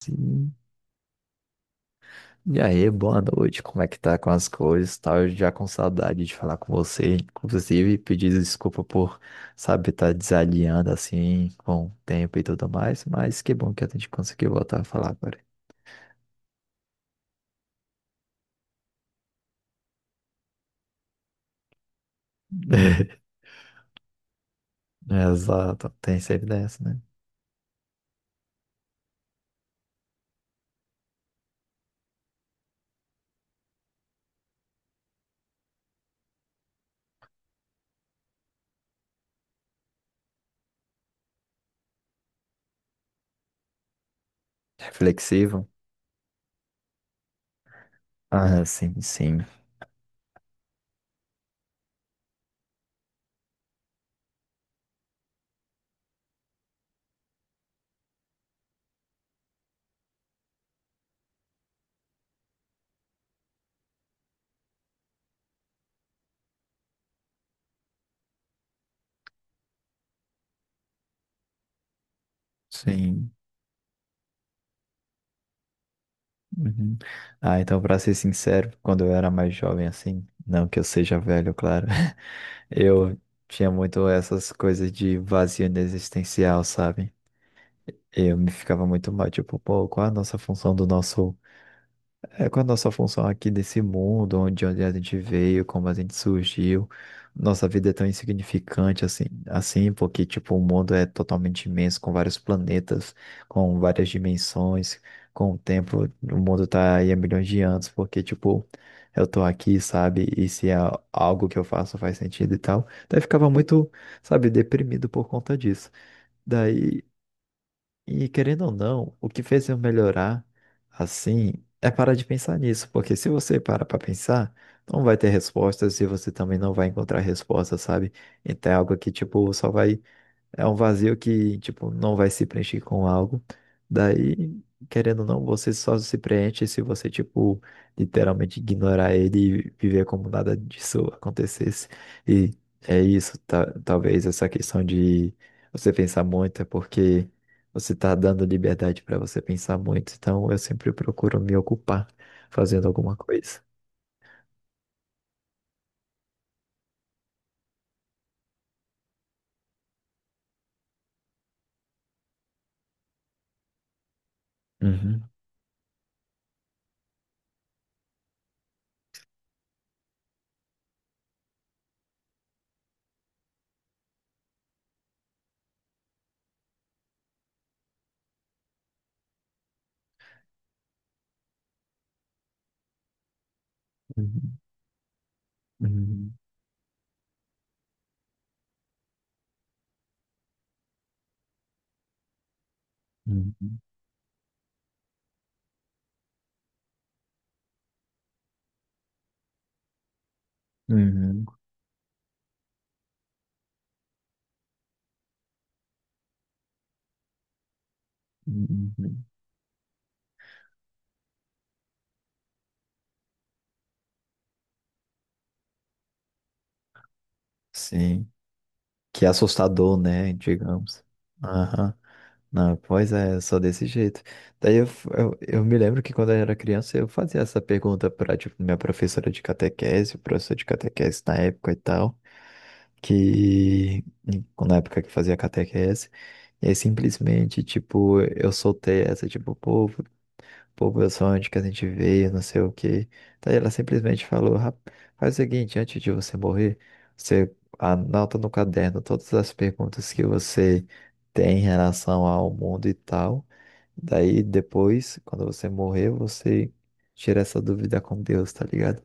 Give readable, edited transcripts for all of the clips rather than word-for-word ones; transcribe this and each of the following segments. Sim. E aí, boa noite, como é que tá com as coisas? Tá, eu já com saudade de falar com você, inclusive pedir desculpa por, sabe, estar desalinhando assim com o tempo e tudo mais, mas que bom que a gente conseguiu voltar a falar agora. Exato, tem sempre dessa, né? Reflexivo? Ah, sim, sim, sim. Uhum. Ah, então, pra ser sincero, quando eu era mais jovem assim, não que eu seja velho, claro. Eu tinha muito essas coisas de vazio existencial, sabe? Eu me ficava muito mal, tipo, pô, qual é a nossa função do nosso. É com a nossa função aqui desse mundo, onde a gente veio, como a gente surgiu. Nossa vida é tão insignificante assim, assim, porque tipo, o mundo é totalmente imenso, com vários planetas, com várias dimensões, com o tempo, o mundo tá aí há milhões de anos, porque tipo, eu tô aqui, sabe? E se é algo que eu faço faz sentido e tal. Daí eu ficava muito, sabe, deprimido por conta disso. Daí querendo ou não, o que fez eu melhorar assim é parar de pensar nisso, porque se você para para pensar, não vai ter respostas e você também não vai encontrar respostas, sabe? Então é algo que tipo só vai é um vazio que, tipo, não vai se preencher com algo. Daí, querendo ou não, você só se preenche se você, tipo, literalmente ignorar ele e viver como nada disso acontecesse. E é isso, talvez essa questão de você pensar muito é porque você tá dando liberdade para você pensar muito. Então, eu sempre procuro me ocupar fazendo alguma coisa. Uhum, uhum, uhum, uhum, uhum, uhum. Sim. Que é assustador, né? Digamos. Aham. Não, pois é, só desse jeito. Daí eu me lembro que quando eu era criança eu fazia essa pergunta para tipo, minha professora de catequese, o professor de catequese na época e tal, que na época que fazia catequese, e aí simplesmente, tipo, eu soltei essa, tipo, pô, pô, meu sonho de que a gente veio, não sei o quê. Daí ela simplesmente falou, faz o seguinte, antes de você morrer, você anota no caderno todas as perguntas que você tem em relação ao mundo e tal. Daí depois, quando você morrer, você tira essa dúvida com Deus, tá ligado?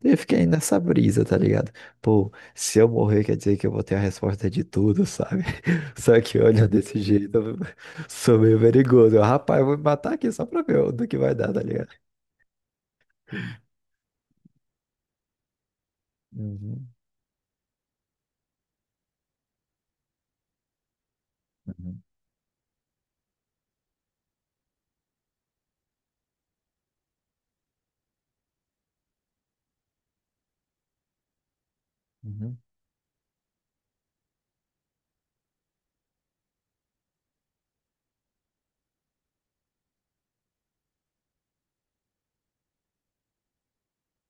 Daí eu fiquei nessa brisa, tá ligado? Pô, se eu morrer, quer dizer que eu vou ter a resposta de tudo, sabe? Só que olha, desse jeito, eu sou meio perigoso. Eu, rapaz, eu vou me matar aqui só pra ver do que vai dar, tá ligado? Uhum, uhum, uhum,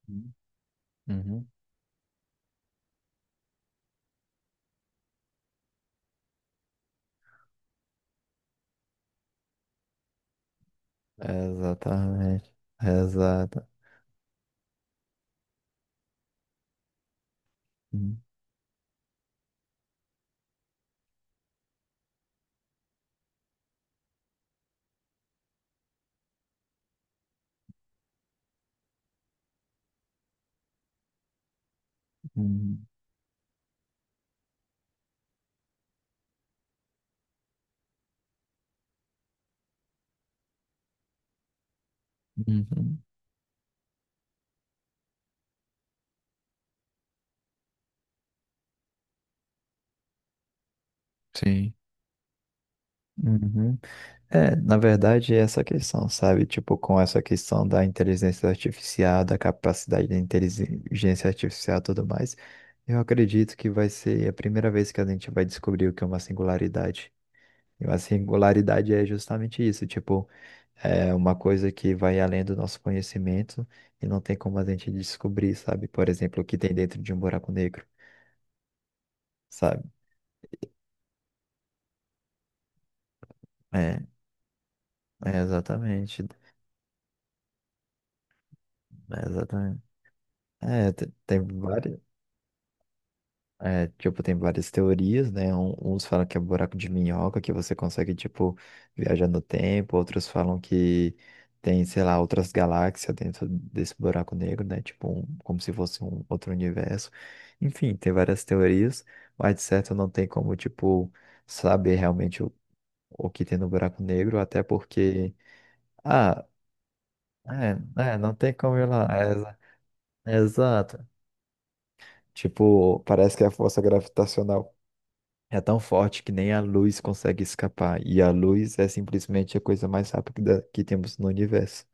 uhum, uhum. Exatamente. Exato. Uhum, uhum, uhum. Sim. Uhum. É, na verdade, é essa questão, sabe? Tipo, com essa questão da inteligência artificial, da capacidade da inteligência artificial e tudo mais, eu acredito que vai ser a primeira vez que a gente vai descobrir o que é uma singularidade. E uma singularidade é justamente isso, tipo, é uma coisa que vai além do nosso conhecimento e não tem como a gente descobrir, sabe? Por exemplo, o que tem dentro de um buraco negro, sabe? É, é exatamente, é exatamente. Tem várias. É, tipo, tem várias teorias, né? Uns falam que é buraco de minhoca, que você consegue, tipo, viajar no tempo. Outros falam que tem, sei lá, outras galáxias dentro desse buraco negro, né? Tipo, como se fosse um outro universo. Enfim, tem várias teorias, mas de certo não tem como, tipo, saber realmente o que tem no buraco negro, até porque. Ah, é, é, não tem como ir lá. É exato. Tipo, parece que a força gravitacional. É tão forte que nem a luz consegue escapar. E a luz é simplesmente a coisa mais rápida que temos no universo.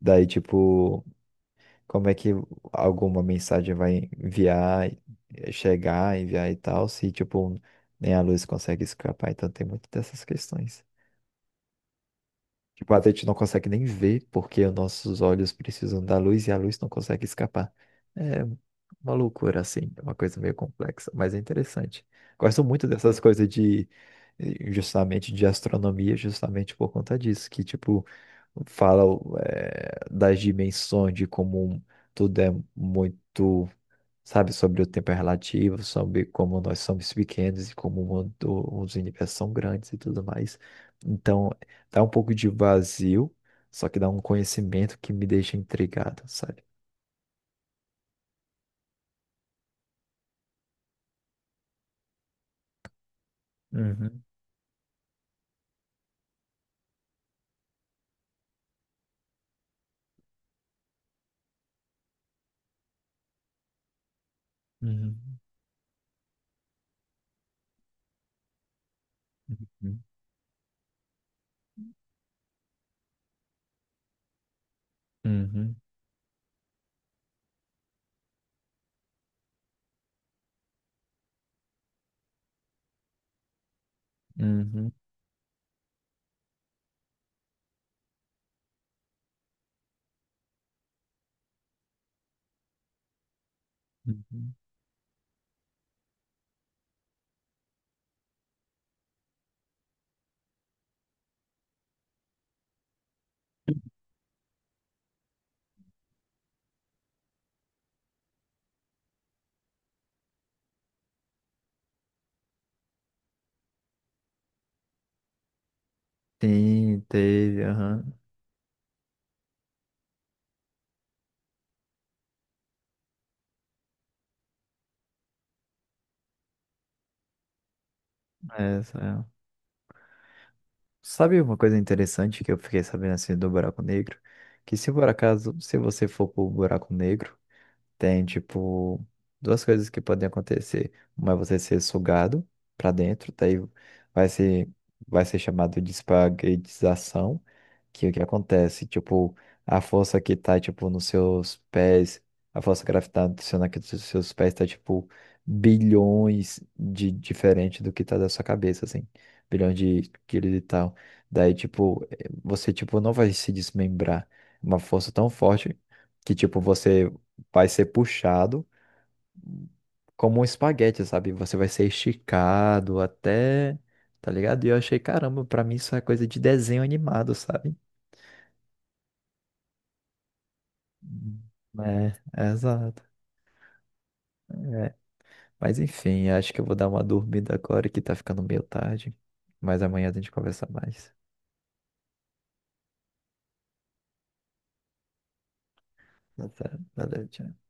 Daí, tipo, como é que alguma mensagem vai enviar, chegar, enviar e tal, se, tipo, nem a luz consegue escapar? Então tem muito dessas questões. Tipo, a gente não consegue nem ver porque os nossos olhos precisam da luz e a luz não consegue escapar. É uma loucura, assim, é uma coisa meio complexa, mas é interessante. Gosto muito dessas coisas de, justamente, de astronomia, justamente por conta disso, que, tipo, fala, das dimensões, de como tudo é muito sabe? Sobre o tempo é relativo, sobre como nós somos pequenos e como o mundo, os universos são grandes e tudo mais. Então, dá um pouco de vazio, só que dá um conhecimento que me deixa intrigado, sabe? Uhum, uhum, uhum, uhum, uhum, uhum. Sim, teve, aham. Essa é. Sabe uma coisa interessante que eu fiquei sabendo assim do buraco negro? Que se por acaso, se você for pro buraco negro, tem, tipo, duas coisas que podem acontecer. Uma é você ser sugado para dentro, daí vai ser, vai ser chamado de espaguetização, que é o que acontece? Tipo, a força que tá, tipo, nos seus pés, a força gravitacional que dos seus pés tá, tipo, bilhões de diferente do que tá da sua cabeça, assim. Bilhões de quilos e tal. Daí, tipo, você, tipo, não vai se desmembrar. Uma força tão forte que, tipo, você vai ser puxado como um espaguete, sabe? Você vai ser esticado até, tá ligado? E eu achei, caramba, pra mim isso é coisa de desenho animado, sabe? Hum. É, é exato. É. Mas enfim, acho que eu vou dar uma dormida agora que tá ficando meio tarde. Mas amanhã a gente conversa mais. Tá certo. Valeu, tchau.